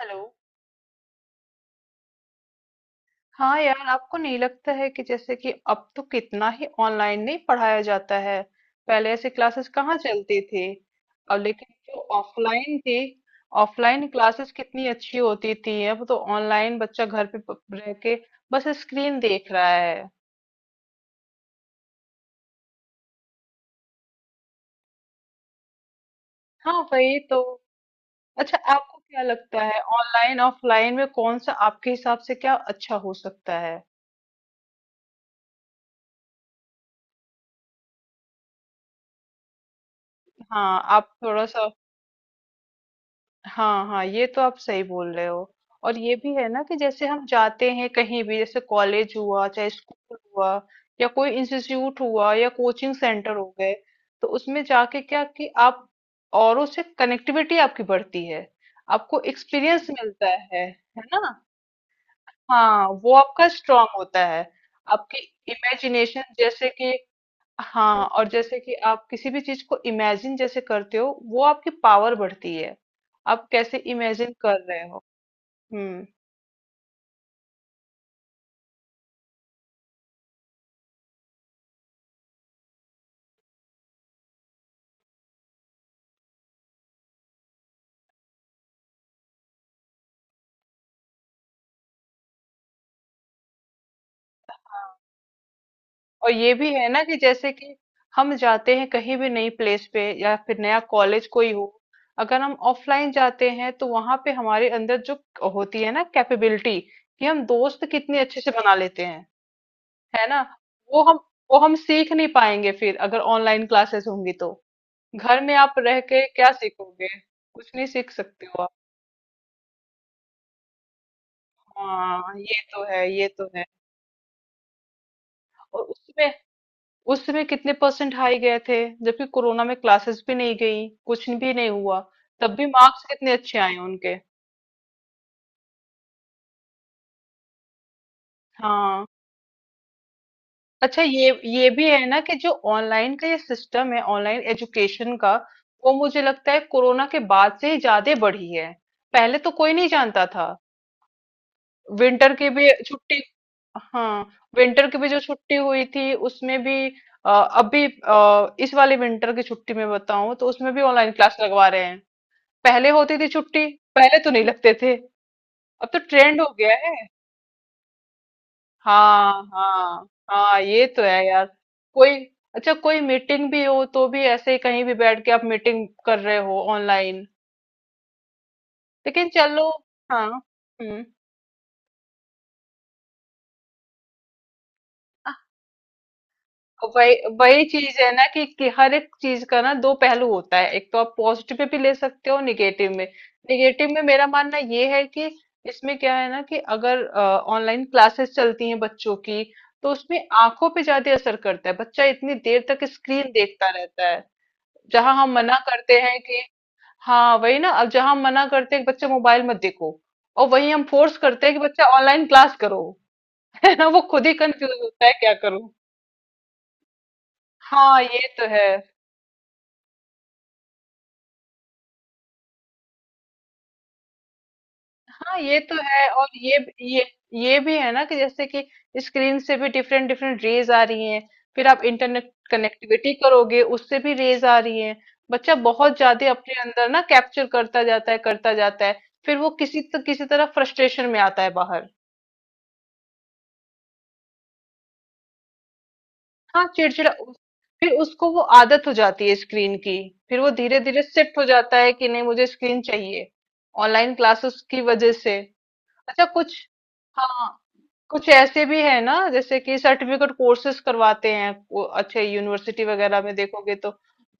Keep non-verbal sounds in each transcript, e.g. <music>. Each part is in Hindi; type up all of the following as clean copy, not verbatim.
हेलो। हाँ यार, आपको नहीं लगता है कि जैसे कि अब तो कितना ही ऑनलाइन नहीं पढ़ाया जाता है। पहले ऐसी क्लासेस कहाँ चलती थी। और लेकिन जो ऑफलाइन थी, ऑफलाइन क्लासेस कितनी अच्छी होती थी। अब तो ऑनलाइन बच्चा घर पे रह के बस स्क्रीन देख रहा है। हाँ, वही तो। अच्छा, आपको क्या लगता है ऑनलाइन ऑफलाइन में कौन सा आपके हिसाब से क्या अच्छा हो सकता है। हाँ आप थोड़ा सा। हाँ हाँ, ये तो आप सही बोल रहे हो। और ये भी है ना कि जैसे हम जाते हैं कहीं भी, जैसे कॉलेज हुआ चाहे स्कूल हुआ या कोई इंस्टीट्यूट हुआ या कोचिंग सेंटर हो गए, तो उसमें जाके क्या कि आप औरों से कनेक्टिविटी आपकी बढ़ती है। आपको एक्सपीरियंस मिलता है ना। हाँ, वो आपका स्ट्रांग होता है। आपकी इमेजिनेशन, जैसे कि हाँ तो और जैसे कि आप किसी भी चीज को इमेजिन जैसे करते हो, वो आपकी पावर बढ़ती है। आप कैसे इमेजिन कर रहे हो। हम्म। और ये भी है ना कि जैसे कि हम जाते हैं कहीं भी नई प्लेस पे या फिर नया कॉलेज कोई हो, अगर हम ऑफलाइन जाते हैं तो वहां पे हमारे अंदर जो होती है ना कैपेबिलिटी, कि हम दोस्त कितने अच्छे से बना लेते हैं, है ना। वो हम वो हम सीख नहीं पाएंगे फिर, अगर ऑनलाइन क्लासेस होंगी तो। घर में आप रह के क्या सीखोगे, कुछ नहीं सीख सकते हो। हाँ ये तो है, ये तो है। और उसमें उसमें कितने परसेंट हाई गए थे, जबकि कोरोना में क्लासेस भी नहीं गई, कुछ भी नहीं हुआ, तब भी मार्क्स कितने अच्छे आए उनके। हाँ। अच्छा, ये भी है ना कि जो ऑनलाइन का ये सिस्टम है, ऑनलाइन एजुकेशन का, वो मुझे लगता है कोरोना के बाद से ही ज्यादा बढ़ी है। पहले तो कोई नहीं जानता था। विंटर की भी छुट्टी, हाँ, विंटर की भी जो छुट्टी हुई थी उसमें भी, अभी इस वाले विंटर की छुट्टी में बताऊं तो उसमें भी ऑनलाइन क्लास लगवा रहे हैं। पहले होती थी छुट्टी, पहले तो नहीं लगते थे, अब तो ट्रेंड हो गया है। हाँ हाँ हाँ, ये तो है यार। कोई, अच्छा, कोई मीटिंग भी हो तो भी ऐसे ही कहीं भी बैठ के आप मीटिंग कर रहे हो ऑनलाइन। लेकिन चलो, हाँ, हम्म। वही वही चीज है ना कि हर एक चीज का ना दो पहलू होता है, एक तो आप पॉजिटिव में भी ले सकते हो, निगेटिव में। निगेटिव में मेरा मानना ये है कि इसमें क्या है ना कि अगर ऑनलाइन क्लासेस चलती हैं बच्चों की, तो उसमें आंखों पे ज्यादा असर करता है, बच्चा इतनी देर तक स्क्रीन देखता रहता है। जहां हम मना करते हैं कि हाँ वही ना, अब जहां हम मना करते हैं कि बच्चा मोबाइल मत देखो, और वही हम फोर्स करते हैं कि बच्चा ऑनलाइन क्लास करो। <laughs> है ना, वो खुद ही कंफ्यूज होता है क्या करूं। हाँ ये तो है, हाँ ये तो है। और ये ये भी है ना कि जैसे कि स्क्रीन से भी डिफरेंट डिफरेंट रेज आ रही हैं, फिर आप इंटरनेट कनेक्टिविटी करोगे उससे भी रेज आ रही हैं। बच्चा बहुत ज्यादा अपने अंदर ना कैप्चर करता जाता है। फिर वो किसी तरह फ्रस्ट्रेशन में आता है बाहर। हाँ चिड़चिड़ा फिर उसको वो आदत हो जाती है स्क्रीन की, फिर वो धीरे धीरे शिफ्ट हो जाता है कि नहीं मुझे स्क्रीन चाहिए, ऑनलाइन क्लासेस की वजह से। अच्छा, कुछ, हाँ, कुछ ऐसे भी है ना जैसे कि सर्टिफिकेट कोर्सेज करवाते हैं वो अच्छे यूनिवर्सिटी वगैरह में देखोगे तो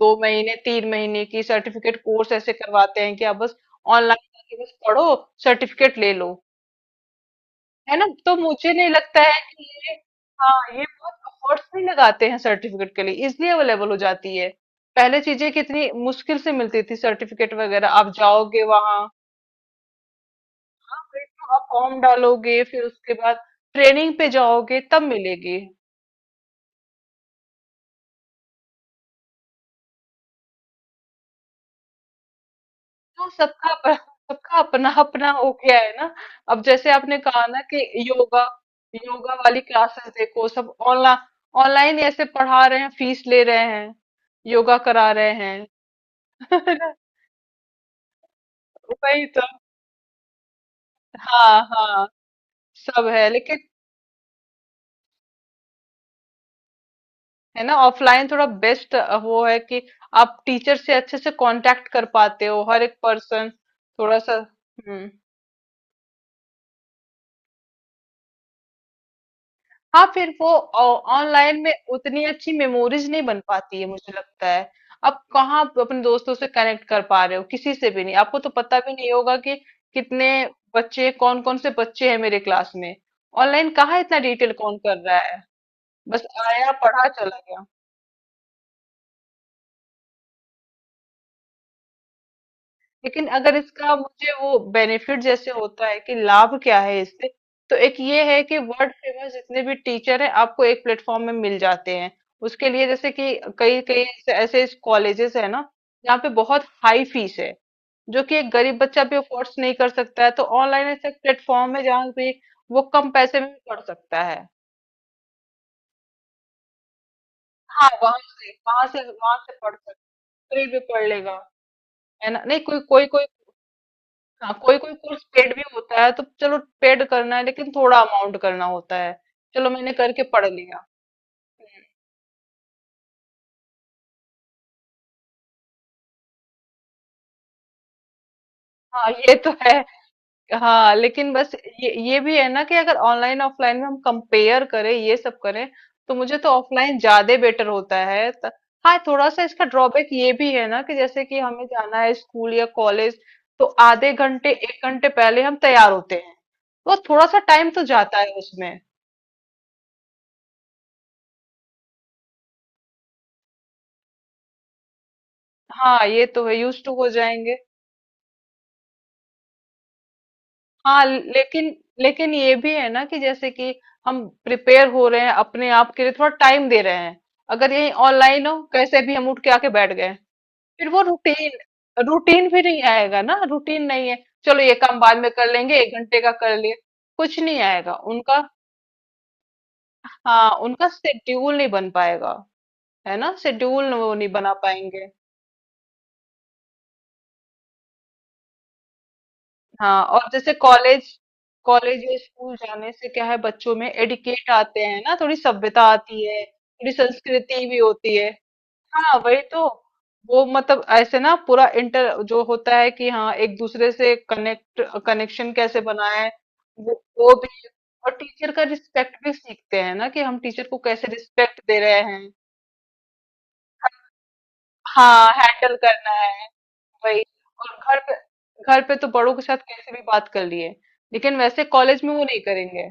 दो महीने तीन महीने की सर्टिफिकेट कोर्स ऐसे करवाते हैं कि आप बस ऑनलाइन जाके बस पढ़ो, सर्टिफिकेट ले लो। है ना, तो मुझे नहीं लगता है कि ये हाँ, ये बहुत अफोर्ट्स नहीं लगाते हैं, सर्टिफिकेट के लिए इजली अवेलेबल हो जाती है। पहले चीजें कितनी मुश्किल से मिलती थी, सर्टिफिकेट वगैरह आप जाओगे वहां, हाँ, फिर तो आप फॉर्म डालोगे, फिर उसके बाद ट्रेनिंग पे जाओगे तब मिलेगी। हाँ, सबका अपना, सबका अपना अपना हो गया है ना। अब जैसे आपने कहा ना कि योगा, योगा वाली क्लासेस देखो सब ऑनलाइन, ऑनलाइन ऐसे पढ़ा रहे हैं फीस ले रहे हैं, योगा करा रहे हैं। <laughs> है ना? वही तो। हाँ हाँ, सब है लेकिन, है ना ऑफलाइन थोड़ा बेस्ट। वो है कि आप टीचर से अच्छे से कांटेक्ट कर पाते हो, हर एक पर्सन थोड़ा सा, हम्म, हाँ, फिर वो ऑनलाइन में उतनी अच्छी मेमोरीज नहीं बन पाती है, मुझे लगता है। आप कहाँ, आप अपने दोस्तों से कनेक्ट कर पा रहे हो, किसी से भी नहीं, आपको तो पता भी नहीं होगा कि कितने बच्चे, कौन कौन से बच्चे हैं मेरे क्लास में। ऑनलाइन कहाँ इतना डिटेल कौन कर रहा है, बस आया पढ़ा चला गया। लेकिन अगर इसका मुझे वो बेनिफिट जैसे होता है कि लाभ क्या है इससे, तो एक ये है कि वर्ल्ड फेमस जितने भी टीचर हैं आपको एक प्लेटफॉर्म में मिल जाते हैं। उसके लिए, जैसे कि, कई कई ऐसे ऐसे कॉलेजेस है ना जहाँ पे बहुत हाई फीस है, जो कि एक गरीब बच्चा भी अफोर्ड नहीं कर सकता है, तो ऑनलाइन ऐसा प्लेटफॉर्म है जहाँ पे वो कम पैसे में भी पढ़ सकता है। हाँ वहां से पढ़ सकता, फ्री भी पढ़ लेगा। है ना, नहीं कोई कोई कोई हाँ कोई कोई कोर्स पेड भी होता है तो चलो पेड करना है, लेकिन थोड़ा अमाउंट करना होता है, चलो मैंने करके पढ़ लिया। हाँ ये तो है। हाँ लेकिन बस ये भी है ना कि अगर ऑनलाइन ऑफलाइन में हम कंपेयर करें, ये सब करें, तो मुझे तो ऑफलाइन ज्यादा बेटर होता है हाँ। थोड़ा सा इसका ड्रॉबैक ये भी है ना कि जैसे कि हमें जाना है स्कूल या कॉलेज, तो आधे घंटे एक घंटे पहले हम तैयार होते हैं, तो थोड़ा सा टाइम तो जाता है उसमें। हाँ ये तो है, यूज टू हो जाएंगे। हाँ लेकिन लेकिन ये भी है ना कि जैसे कि हम प्रिपेयर हो रहे हैं, अपने आप के लिए थोड़ा टाइम दे रहे हैं। अगर यही ऑनलाइन हो, कैसे भी हम उठ के आके बैठ गए, फिर वो रूटीन, रूटीन भी नहीं आएगा ना, रूटीन नहीं है। चलो ये काम बाद में कर लेंगे, एक घंटे का कर लिए, कुछ नहीं आएगा उनका। हाँ, उनका शेड्यूल नहीं बन पाएगा, है ना, शेड्यूल वो नहीं बना पाएंगे। हाँ, और जैसे कॉलेज, कॉलेज या स्कूल जाने से क्या है, बच्चों में एडिकेट आते हैं ना, थोड़ी सभ्यता आती है, थोड़ी संस्कृति भी होती है। हाँ वही तो, वो मतलब ऐसे ना पूरा इंटर जो होता है कि हाँ एक दूसरे से कनेक्ट, कनेक्शन कैसे बनाए, वो, वो भी। और टीचर का रिस्पेक्ट भी सीखते हैं ना कि हम टीचर को कैसे रिस्पेक्ट दे रहे हैं। हाँ हैंडल करना है, वही। और घर पे, घर पे तो बड़ों के साथ कैसे भी बात कर लिए, लेकिन वैसे कॉलेज में वो नहीं करेंगे,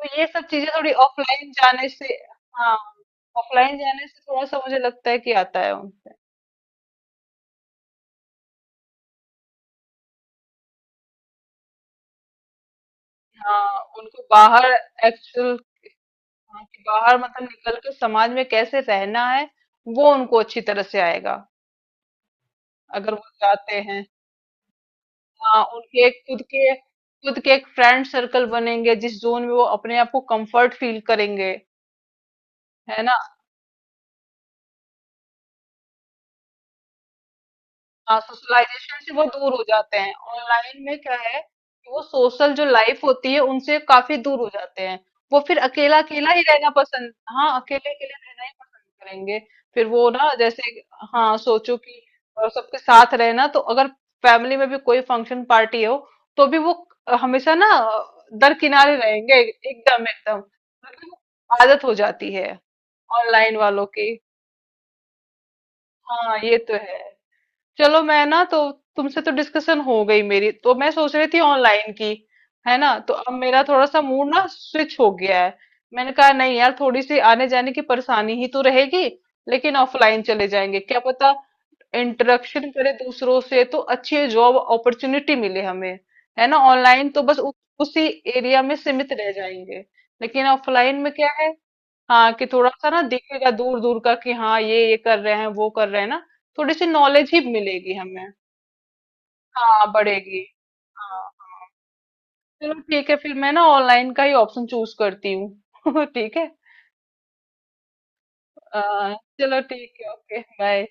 तो ये सब चीजें थोड़ी ऑफलाइन जाने से। हाँ ऑफलाइन जाने से थोड़ा सा मुझे लगता है कि आता है उनसे। हाँ उनको बाहर, एक्चुअल, हाँ, कि बाहर मतलब निकल के समाज में कैसे रहना है, वो उनको अच्छी तरह से आएगा अगर वो जाते हैं। हाँ, उनके एक खुद के एक फ्रेंड सर्कल बनेंगे जिस जोन में वो अपने आप को कंफर्ट फील करेंगे, है ना। हाँ सोशलाइजेशन से वो दूर हो जाते हैं, ऑनलाइन में क्या है कि वो सोशल जो लाइफ होती है उनसे काफी दूर हो जाते हैं। वो फिर अकेला अकेला ही रहना पसंद, हाँ अकेले अकेले रहना ही पसंद करेंगे। फिर वो ना जैसे, हाँ सोचो कि सबके साथ रहना, तो अगर फैमिली में भी कोई फंक्शन पार्टी हो तो भी वो हमेशा ना दरकिनारे रहेंगे, एकदम एकदम। मतलब आदत हो जाती है ऑनलाइन वालों की। हाँ ये तो है। चलो मैं ना तो तुमसे तो डिस्कशन हो गई, मेरी तो मैं सोच रही थी ऑनलाइन की, है ना, तो अब मेरा थोड़ा सा मूड ना स्विच हो गया है। मैंने कहा नहीं यार, थोड़ी सी आने जाने की परेशानी ही तो रहेगी, लेकिन ऑफलाइन चले जाएंगे क्या पता, इंटरेक्शन करे दूसरों से, तो अच्छी जॉब अपॉर्चुनिटी मिले हमें। है ना, ऑनलाइन तो बस उसी एरिया में सीमित रह जाएंगे, लेकिन ऑफलाइन में क्या है, हाँ, कि थोड़ा सा ना दिखेगा दूर दूर का कि हाँ ये कर रहे हैं वो कर रहे हैं ना, थोड़ी सी नॉलेज ही मिलेगी हमें। हाँ बढ़ेगी। हाँ हाँ। चलो ठीक है, फिर मैं ना ऑनलाइन का ही ऑप्शन चूज करती हूँ। <laughs> ठीक है, अ, चलो ठीक है, ओके, बाय।